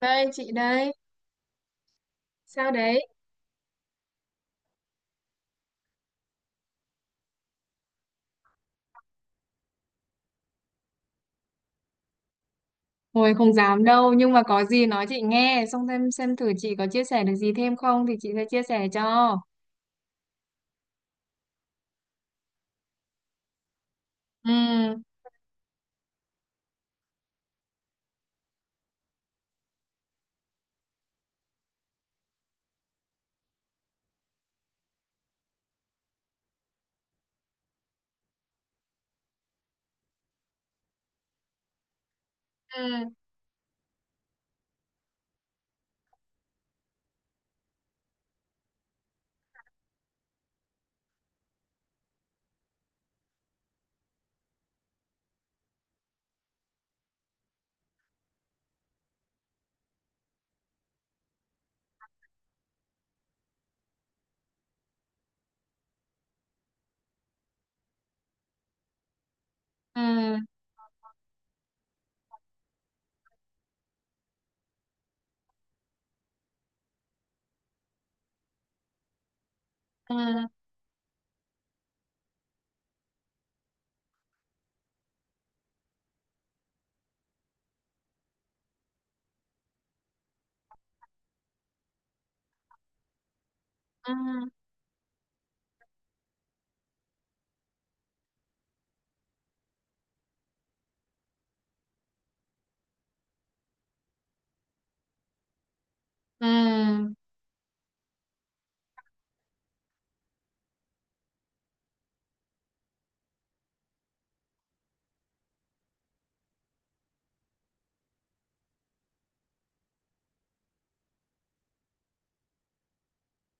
Đây chị đây, sao đấy? Hồi không dám đâu nhưng mà có gì nói chị nghe xong xem thử chị có chia sẻ được gì thêm không thì chị sẽ chia sẻ cho. Ừ, ừ, ừ, ừ, ừ, ừ,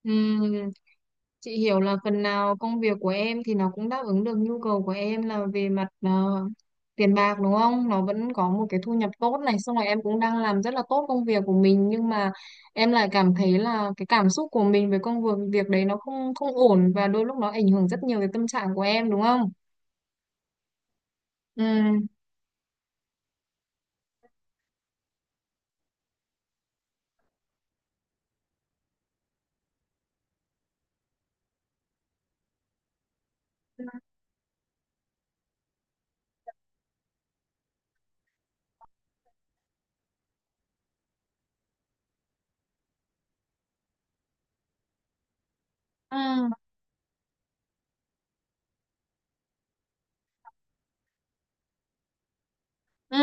ừ. Chị hiểu là phần nào công việc của em thì nó cũng đáp ứng được nhu cầu của em là về mặt tiền bạc đúng không? Nó vẫn có một cái thu nhập tốt này, xong rồi em cũng đang làm rất là tốt công việc của mình nhưng mà em lại cảm thấy là cái cảm xúc của mình về công việc việc đấy nó không không ổn và đôi lúc nó ảnh hưởng rất nhiều tới tâm trạng của em đúng không? Ừ. Ừ. Ừ.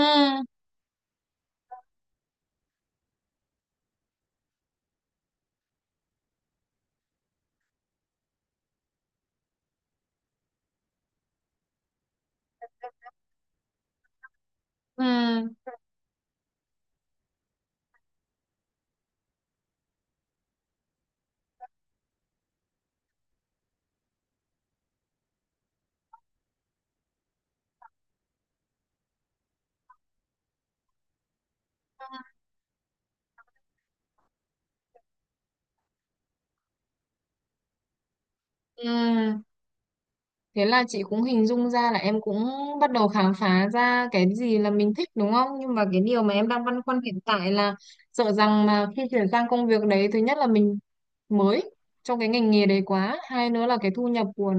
Ừ. Ừ. Thế là chị cũng hình dung ra là em cũng bắt đầu khám phá ra cái gì là mình thích đúng không? Nhưng mà cái điều mà em đang băn khoăn hiện tại là sợ rằng mà khi chuyển sang công việc đấy, thứ nhất là mình mới trong cái ngành nghề đấy quá, hai nữa là cái thu nhập của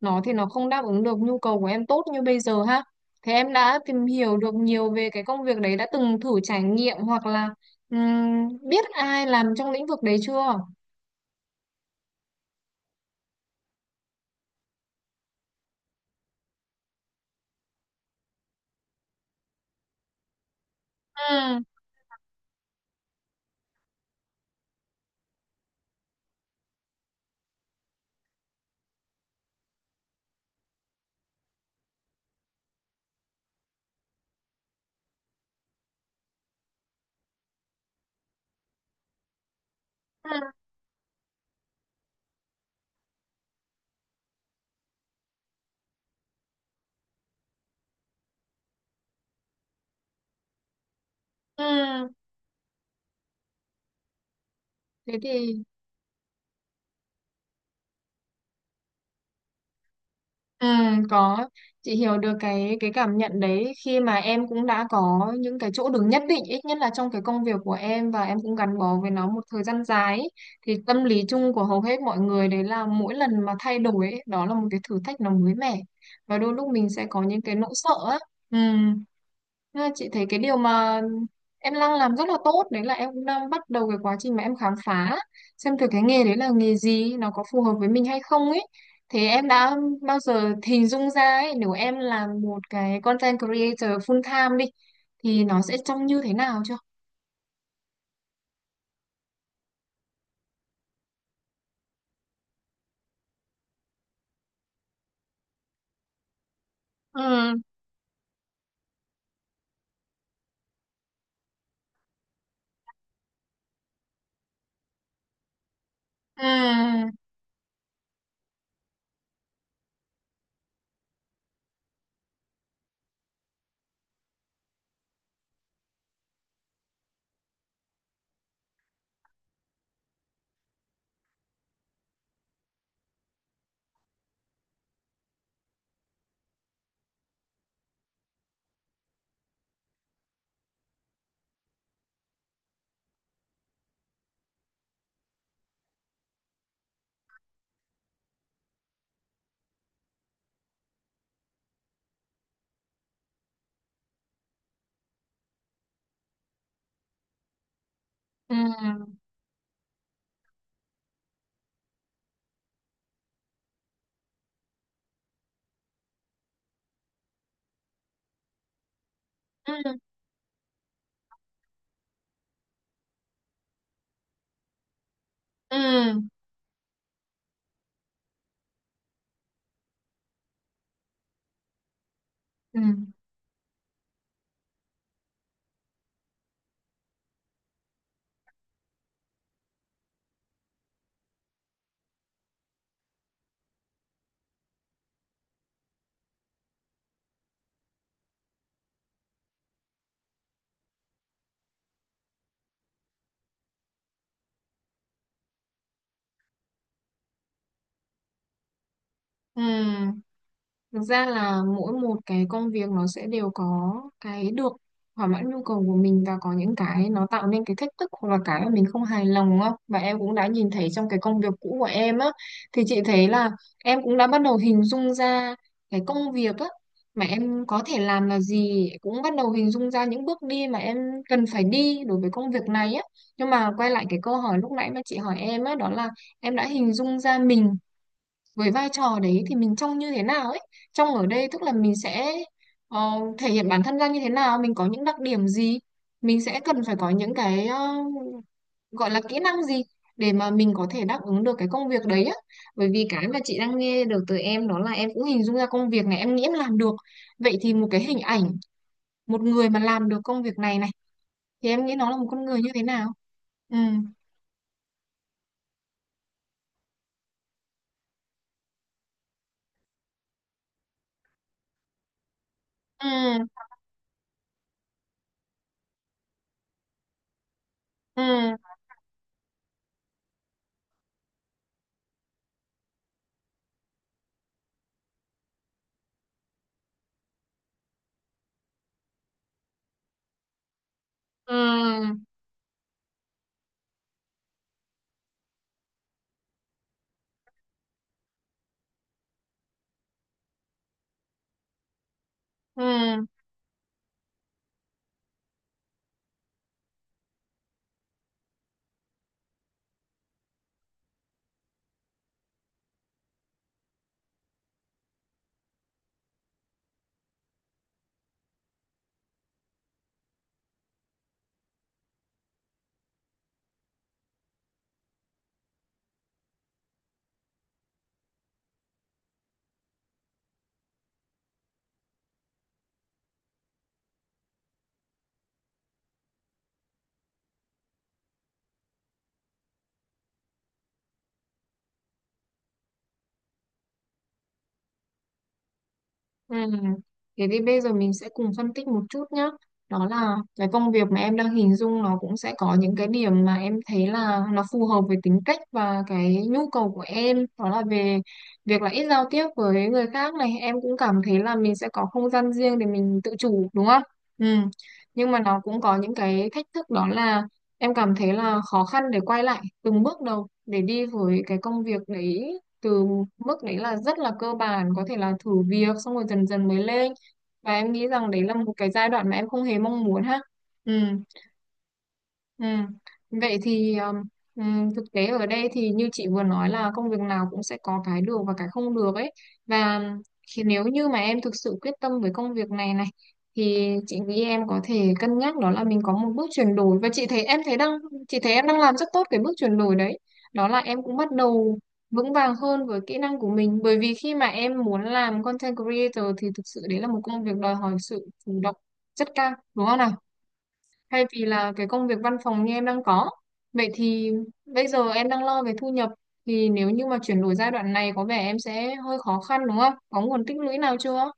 nó thì nó không đáp ứng được nhu cầu của em tốt như bây giờ ha. Thế em đã tìm hiểu được nhiều về cái công việc đấy, đã từng thử trải nghiệm hoặc là biết ai làm trong lĩnh vực đấy chưa? Ừ, ừ, ừ. Thế thì. Ừ, có, chị hiểu được cái cảm nhận đấy khi mà em cũng đã có những cái chỗ đứng nhất định ít nhất là trong cái công việc của em và em cũng gắn bó với nó một thời gian dài ấy. Thì tâm lý chung của hầu hết mọi người đấy là mỗi lần mà thay đổi ấy, đó là một cái thử thách nó mới mẻ và đôi lúc mình sẽ có những cái nỗi sợ á. Ừ. Thế là chị thấy cái điều mà em đang làm rất là tốt đấy là em cũng đang bắt đầu cái quá trình mà em khám phá xem thử cái nghề đấy là nghề gì nó có phù hợp với mình hay không ấy. Thế em đã bao giờ hình dung ra ấy nếu em làm một cái content creator full time đi thì nó sẽ trông như thế nào chưa? Ừ, ừ, ừ, ừ, ừ, ừ, ừ. Thực ra là mỗi một cái công việc nó sẽ đều có cái được thỏa mãn nhu cầu của mình và có những cái nó tạo nên cái thách thức hoặc là cái mà mình không hài lòng, đúng. Và em cũng đã nhìn thấy trong cái công việc cũ của em á thì chị thấy là em cũng đã bắt đầu hình dung ra cái công việc á mà em có thể làm là gì, cũng bắt đầu hình dung ra những bước đi mà em cần phải đi đối với công việc này á. Nhưng mà quay lại cái câu hỏi lúc nãy mà chị hỏi em á, đó là em đã hình dung ra mình với vai trò đấy thì mình trông như thế nào ấy. Trông ở đây tức là mình sẽ ờ, thể hiện bản thân ra như thế nào, mình có những đặc điểm gì, mình sẽ cần phải có những cái gọi là kỹ năng gì để mà mình có thể đáp ứng được cái công việc đấy á. Bởi vì cái mà chị đang nghe được từ em đó là em cũng hình dung ra công việc này em nghĩ em làm được, vậy thì một cái hình ảnh một người mà làm được công việc này này thì em nghĩ nó là một con người như thế nào? Ừ, ừ, ừ, ừ, ừ. Ừ. Thế thì bây giờ mình sẽ cùng phân tích một chút nhé. Đó là cái công việc mà em đang hình dung nó cũng sẽ có những cái điểm mà em thấy là nó phù hợp với tính cách và cái nhu cầu của em. Đó là về việc là ít giao tiếp với người khác này. Em cũng cảm thấy là mình sẽ có không gian riêng để mình tự chủ đúng không? Ừ. Nhưng mà nó cũng có những cái thách thức, đó là em cảm thấy là khó khăn để quay lại từng bước đầu để đi với cái công việc đấy từ mức đấy là rất là cơ bản, có thể là thử việc xong rồi dần dần mới lên, và em nghĩ rằng đấy là một cái giai đoạn mà em không hề mong muốn ha. Ừ. Ừ. Vậy thì thực tế ở đây thì như chị vừa nói là công việc nào cũng sẽ có cái được và cái không được ấy, và khi nếu như mà em thực sự quyết tâm với công việc này này thì chị nghĩ em có thể cân nhắc, đó là mình có một bước chuyển đổi, và chị thấy em đang làm rất tốt cái bước chuyển đổi đấy. Đó là em cũng bắt đầu vững vàng hơn với kỹ năng của mình, bởi vì khi mà em muốn làm content creator thì thực sự đấy là một công việc đòi hỏi sự chủ động rất cao đúng không nào, thay vì là cái công việc văn phòng như em đang có. Vậy thì bây giờ em đang lo về thu nhập, thì nếu như mà chuyển đổi giai đoạn này có vẻ em sẽ hơi khó khăn đúng không? Có nguồn tích lũy nào chưa?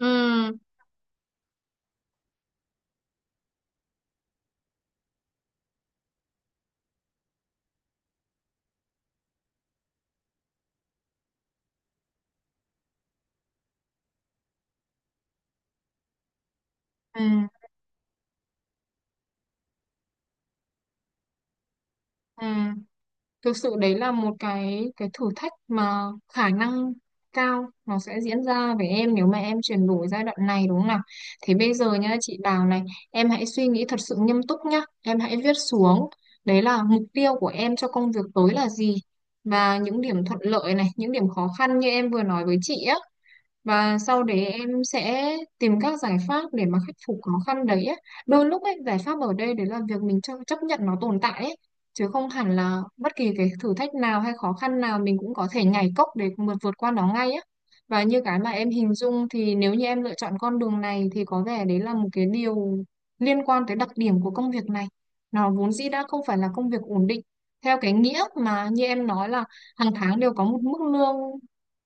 Ừm. Ừ, ừ. Thực sự đấy là một cái thử thách mà khả năng cao nó sẽ diễn ra với em nếu mà em chuyển đổi giai đoạn này đúng không nào. Thế bây giờ nhá chị Đào này, em hãy suy nghĩ thật sự nghiêm túc nhá, em hãy viết xuống đấy là mục tiêu của em cho công việc tới là gì, và những điểm thuận lợi này, những điểm khó khăn như em vừa nói với chị á, và sau đấy em sẽ tìm các giải pháp để mà khắc phục khó khăn đấy á. Đôi lúc ấy, giải pháp ở đây đấy là việc mình chấp nhận nó tồn tại ấy, chứ không hẳn là bất kỳ cái thử thách nào hay khó khăn nào mình cũng có thể nhảy cốc để vượt vượt qua nó ngay á. Và như cái mà em hình dung thì nếu như em lựa chọn con đường này thì có vẻ đấy là một cái điều liên quan tới đặc điểm của công việc này. Nó vốn dĩ đã không phải là công việc ổn định theo cái nghĩa mà như em nói là hàng tháng đều có một mức lương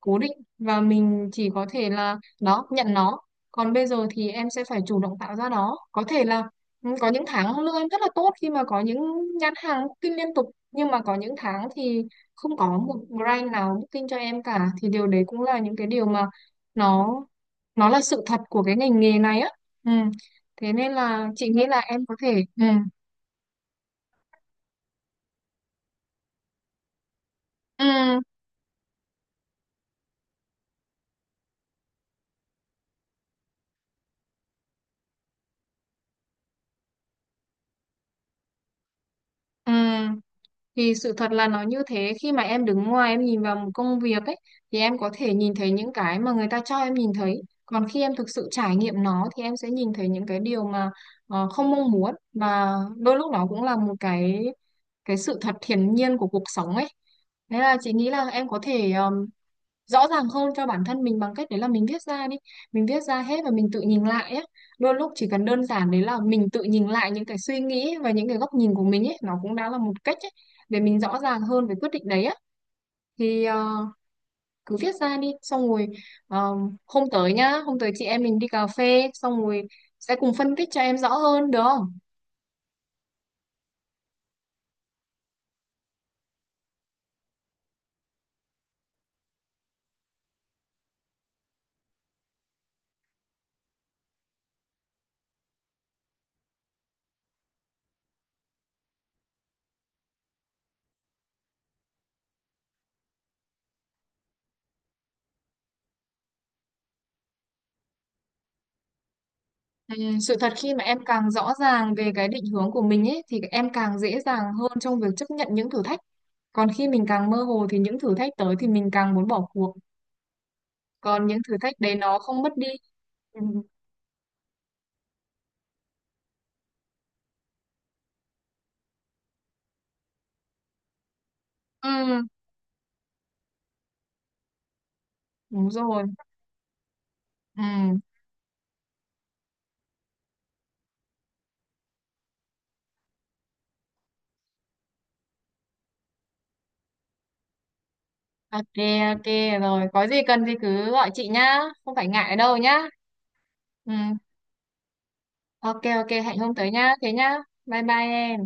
cố định và mình chỉ có thể là đó nhận nó, còn bây giờ thì em sẽ phải chủ động tạo ra nó, có thể là. Ừ, có những tháng lương em rất là tốt khi mà có những nhãn hàng booking liên tục, nhưng mà có những tháng thì không có một brand nào booking cho em cả, thì điều đấy cũng là những cái điều mà nó nó là sự thật của cái ngành nghề này á. Ừ. Thế nên là chị nghĩ là em có thể, ừ. Ừ. Ừ. Thì sự thật là nó như thế, khi mà em đứng ngoài em nhìn vào một công việc ấy thì em có thể nhìn thấy những cái mà người ta cho em nhìn thấy, còn khi em thực sự trải nghiệm nó thì em sẽ nhìn thấy những cái điều mà không mong muốn, và đôi lúc nó cũng là một cái sự thật hiển nhiên của cuộc sống ấy. Thế là chị nghĩ là em có thể rõ ràng hơn cho bản thân mình bằng cách đấy là mình viết ra đi, mình viết ra hết và mình tự nhìn lại ấy. Đôi lúc chỉ cần đơn giản đấy là mình tự nhìn lại những cái suy nghĩ và những cái góc nhìn của mình ấy, nó cũng đã là một cách ấy để mình rõ ràng hơn về quyết định đấy á. Thì cứ viết ra đi, xong rồi ờ, hôm tới nhá, hôm tới chị em mình đi cà phê xong rồi sẽ cùng phân tích cho em rõ hơn được không? Ừ. Sự thật khi mà em càng rõ ràng về cái định hướng của mình ấy thì em càng dễ dàng hơn trong việc chấp nhận những thử thách. Còn khi mình càng mơ hồ thì những thử thách tới thì mình càng muốn bỏ cuộc. Còn những thử thách đấy nó không mất đi. Ừ, ừ, đúng rồi. Ừ, ok, ok rồi. Có gì cần thì cứ gọi chị nhá. Không phải ngại đâu nhá. Ừ, ok, ok, hẹn hôm tới nhá. Thế nhá. Bye bye em.